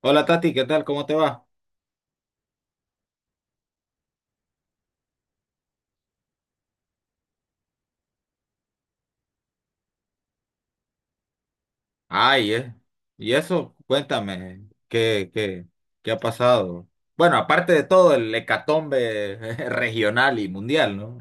Hola Tati, ¿qué tal? ¿Cómo te va? Ay. Y eso, cuéntame, ¿qué ha pasado? Bueno, aparte de todo, el hecatombe regional y mundial, ¿no?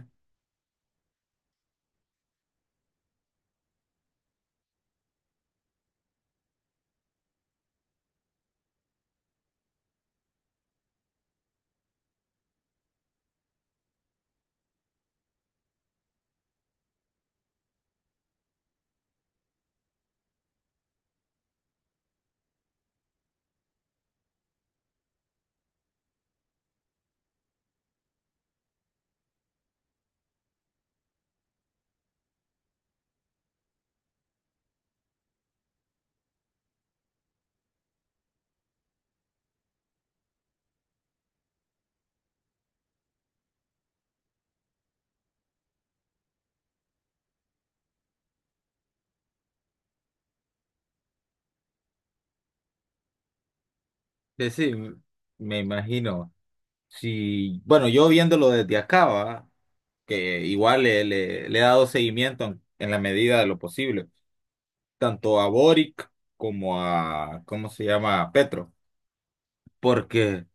Sí, sí, me imagino. Sí, bueno, yo viéndolo desde acá, ¿va? Que igual le he dado seguimiento en la medida de lo posible, tanto a Boric como a, ¿cómo se llama? A Petro, porque...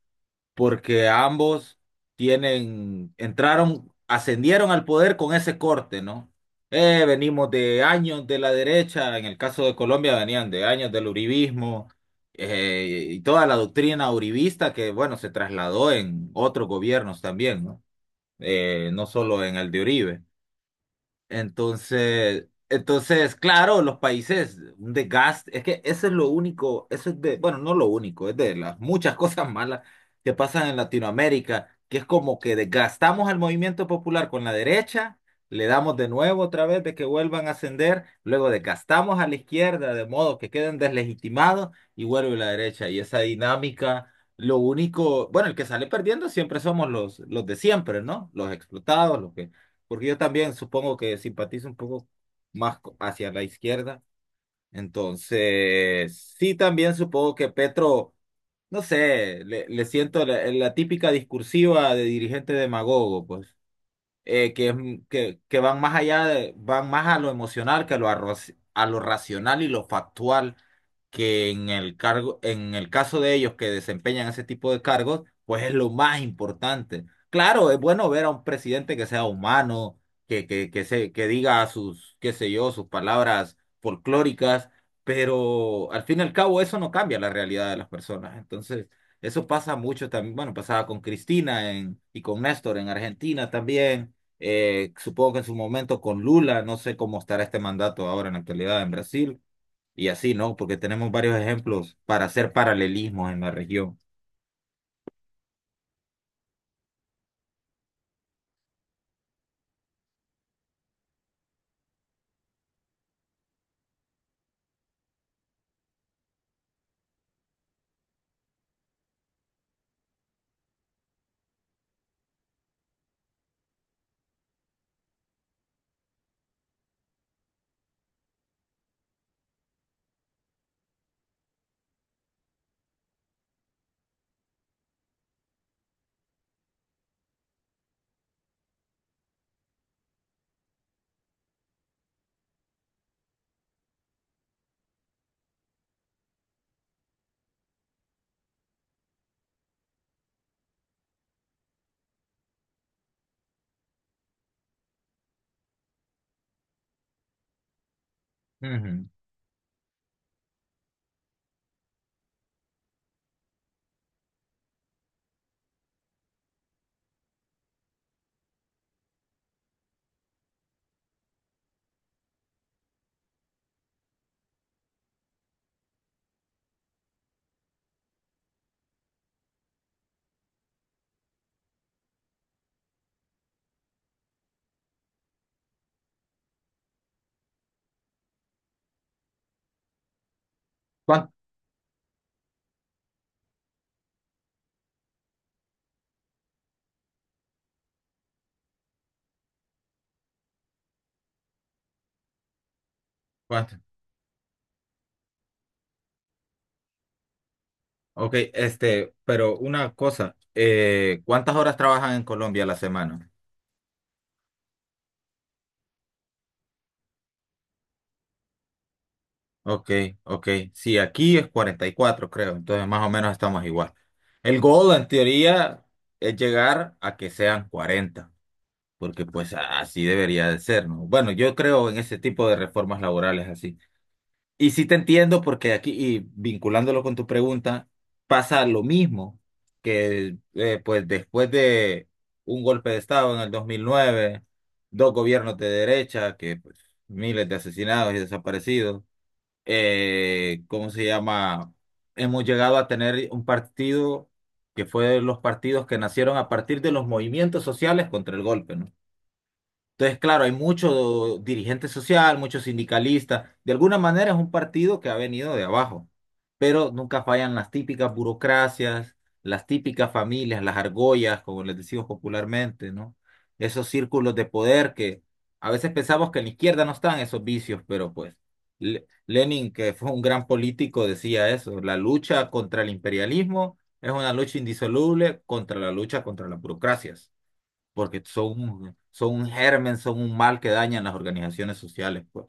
porque ambos tienen, entraron, ascendieron al poder con ese corte, ¿no? Venimos de años de la derecha, en el caso de Colombia venían de años del uribismo y toda la doctrina uribista que, bueno, se trasladó en otros gobiernos también, ¿no? No solo en el de Uribe. Entonces, claro, los países, un desgaste, es que eso es lo único, eso es de, bueno, no lo único, es de las muchas cosas malas que pasan en Latinoamérica, que es como que desgastamos al movimiento popular con la derecha, le damos de nuevo otra vez de que vuelvan a ascender, luego desgastamos a la izquierda de modo que queden deslegitimados y vuelve la derecha. Y esa dinámica, lo único, bueno, el que sale perdiendo siempre somos los de siempre, ¿no? Los explotados, los que porque yo también supongo que simpatizo un poco más hacia la izquierda. Entonces, sí, también supongo que Petro, no sé, le siento la típica discursiva de dirigente demagogo, pues que, es m- que van más allá de, van más a lo emocional que a lo racional y lo factual, que en el cargo, en el caso de ellos que desempeñan ese tipo de cargos, pues es lo más importante. Claro, es bueno ver a un presidente que sea humano, que se, que diga sus, qué sé yo, sus palabras folclóricas, pero al fin y al cabo eso no cambia la realidad de las personas. Entonces, eso pasa mucho también, bueno, pasaba con Cristina y con Néstor en Argentina también supongo que en su momento con Lula, no sé cómo estará este mandato ahora en la actualidad en Brasil, y así, ¿no? Porque tenemos varios ejemplos para hacer paralelismos en la región. Ujú. ¿Cuán- cuánto? Ok, este, pero una cosa, ¿cuántas horas trabajan en Colombia a la semana? Ok, ok, sí, aquí es 44 creo, entonces más o menos estamos igual. El goal, en teoría, es llegar a que sean 40 porque pues así debería de ser, ¿no? Bueno, yo creo en ese tipo de reformas laborales así. Y sí te entiendo porque aquí, y vinculándolo con tu pregunta, pasa lo mismo que pues después de un golpe de Estado en el 2009, dos gobiernos de derecha, que pues, miles de asesinados y desaparecidos, ¿cómo se llama? Hemos llegado a tener un partido que fue de los partidos que nacieron a partir de los movimientos sociales contra el golpe, ¿no? Entonces, claro, hay mucho dirigente social, muchos sindicalistas. De alguna manera es un partido que ha venido de abajo, pero nunca fallan las típicas burocracias, las típicas familias, las argollas, como les decimos popularmente, ¿no? Esos círculos de poder que a veces pensamos que en la izquierda no están esos vicios, pero pues Lenin, que fue un gran político, decía eso, la lucha contra el imperialismo es una lucha indisoluble contra la lucha contra las burocracias porque son un germen, son un mal que dañan las organizaciones sociales, pues,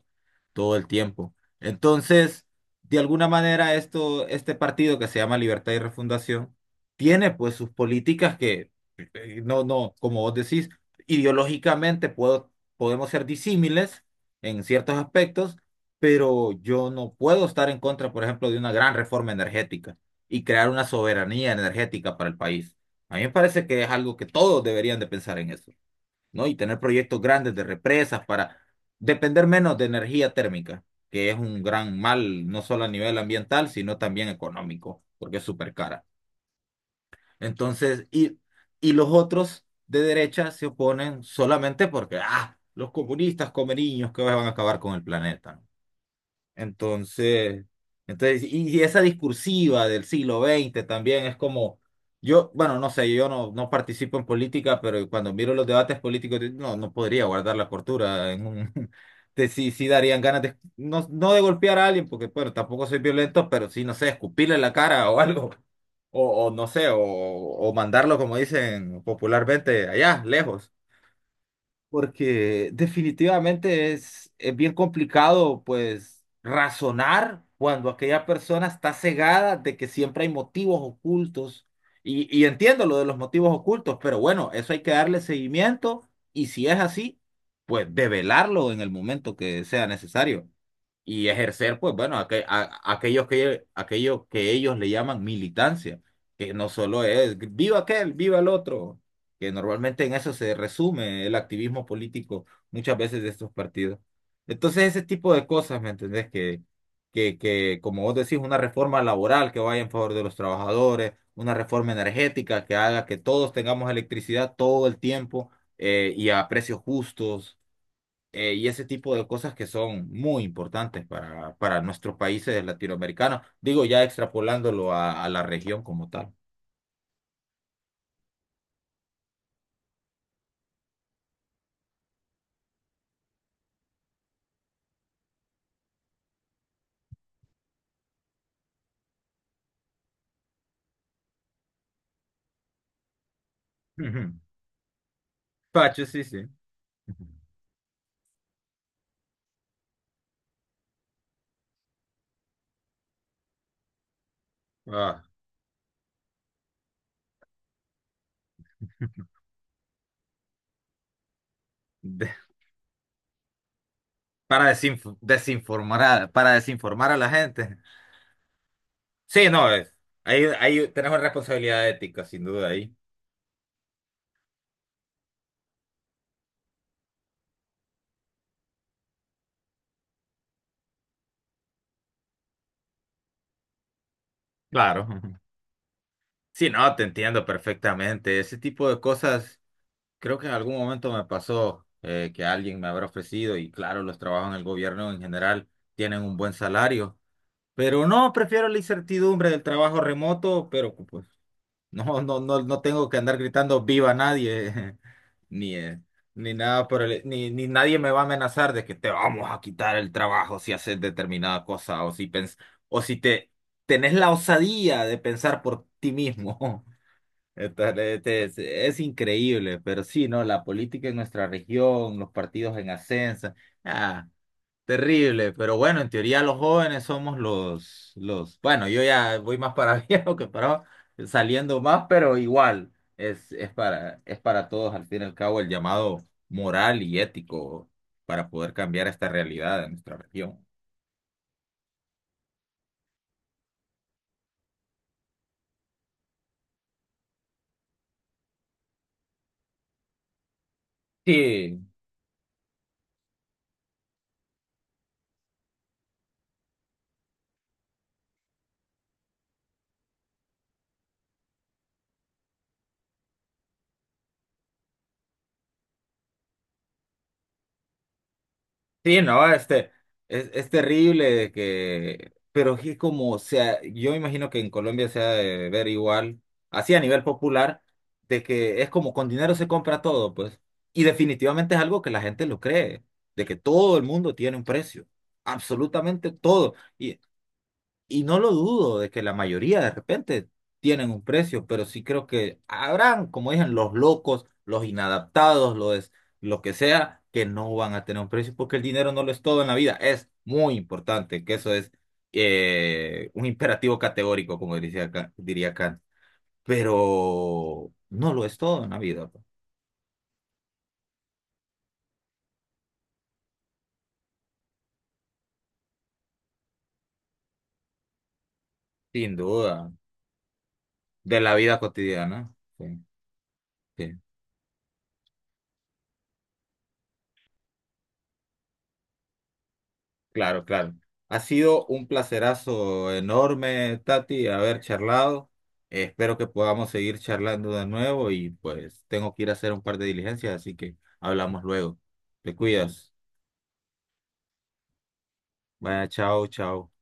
todo el tiempo. Entonces, de alguna manera, esto, este partido que se llama Libertad y Refundación tiene pues sus políticas que, no, no, como vos decís, ideológicamente podemos ser disímiles en ciertos aspectos, pero yo no puedo estar en contra, por ejemplo, de una gran reforma energética y crear una soberanía energética para el país. A mí me parece que es algo que todos deberían de pensar en eso, ¿no? Y tener proyectos grandes de represas para depender menos de energía térmica, que es un gran mal, no solo a nivel ambiental, sino también económico, porque es súper cara. Entonces, y los otros de derecha se oponen solamente porque, ah, los comunistas come niños que van a acabar con el planeta. Entonces, entonces, y esa discursiva del siglo XX también es como, yo, bueno, no sé, yo no participo en política, pero cuando miro los debates políticos, no, no podría guardar la cordura en un, sí, sí darían ganas de, no, no de golpear a alguien, porque, bueno, tampoco soy violento, pero sí, no sé, escupirle en la cara o algo, o no sé, o mandarlo, como dicen popularmente, allá, lejos porque definitivamente es bien complicado, pues, razonar cuando aquella persona está cegada de que siempre hay motivos ocultos. Y entiendo lo de los motivos ocultos, pero bueno, eso hay que darle seguimiento y si es así, pues develarlo en el momento que sea necesario y ejercer, pues bueno, aquellos que ellos le llaman militancia, que no solo es viva aquel, viva el otro, que normalmente en eso se resume el activismo político muchas veces de estos partidos. Entonces, ese tipo de cosas, ¿me entendés? Que, como vos decís, una reforma laboral que vaya en favor de los trabajadores, una reforma energética que haga que todos tengamos electricidad todo el tiempo y a precios justos y ese tipo de cosas que son muy importantes para nuestros países latinoamericanos, digo ya extrapolándolo a la región como tal. Ujú. Pacho, sí, sí. Ujú. Ah, de- para desinformar a la gente. Sí, no, ahí tenemos responsabilidad ética, sin duda, ahí. Claro. Ujú. Sí, no, te entiendo perfectamente. Ese tipo de cosas. Creo que en algún momento me pasó que alguien me habrá ofrecido, y claro, los trabajos en el gobierno en general tienen un buen salario, pero no, prefiero la incertidumbre del trabajo remoto, pero pues no, no, no, no tengo que andar gritando viva nadie, ni, eh, ni nada por el, ni nadie me va a amenazar de que te vamos a quitar el trabajo si haces determinada cosa, o si pens, o si te tenés la osadía de pensar por ti mismo. Entonces, este, es increíble, pero sí, ¿no? La política en nuestra región, los partidos en ascenso, ah, terrible, pero bueno, en teoría los jóvenes somos los, bueno, yo ya voy más para viejo que para saliendo más, pero igual, es para todos, al fin y al cabo, el llamado moral y ético para poder cambiar esta realidad de nuestra región. Sí, sí, no, este, es terrible de que, pero es como, o sea, yo imagino que en Colombia se ha de ver igual, así a nivel popular, de que es como con dinero se compra todo, pues, y definitivamente es algo que la gente lo cree, de que todo el mundo tiene un precio, absolutamente todo, y, no lo dudo de que la mayoría de repente tienen un precio, pero sí creo que habrán, como dicen, los locos, los inadaptados, los, lo que sea, que no van a tener un precio porque el dinero no lo es todo en la vida. Es muy importante, que eso es un imperativo categórico, como diría Kant, pero no lo es todo en la vida, pues, sin duda, de la vida cotidiana. Sí, sí. Claro, claro. Ha sido un placerazo enorme, Tati, haber charlado. Espero que podamos seguir charlando de nuevo y pues tengo que ir a hacer un par de diligencias, así que hablamos luego. Te cuidas. Vaya, chao, chao.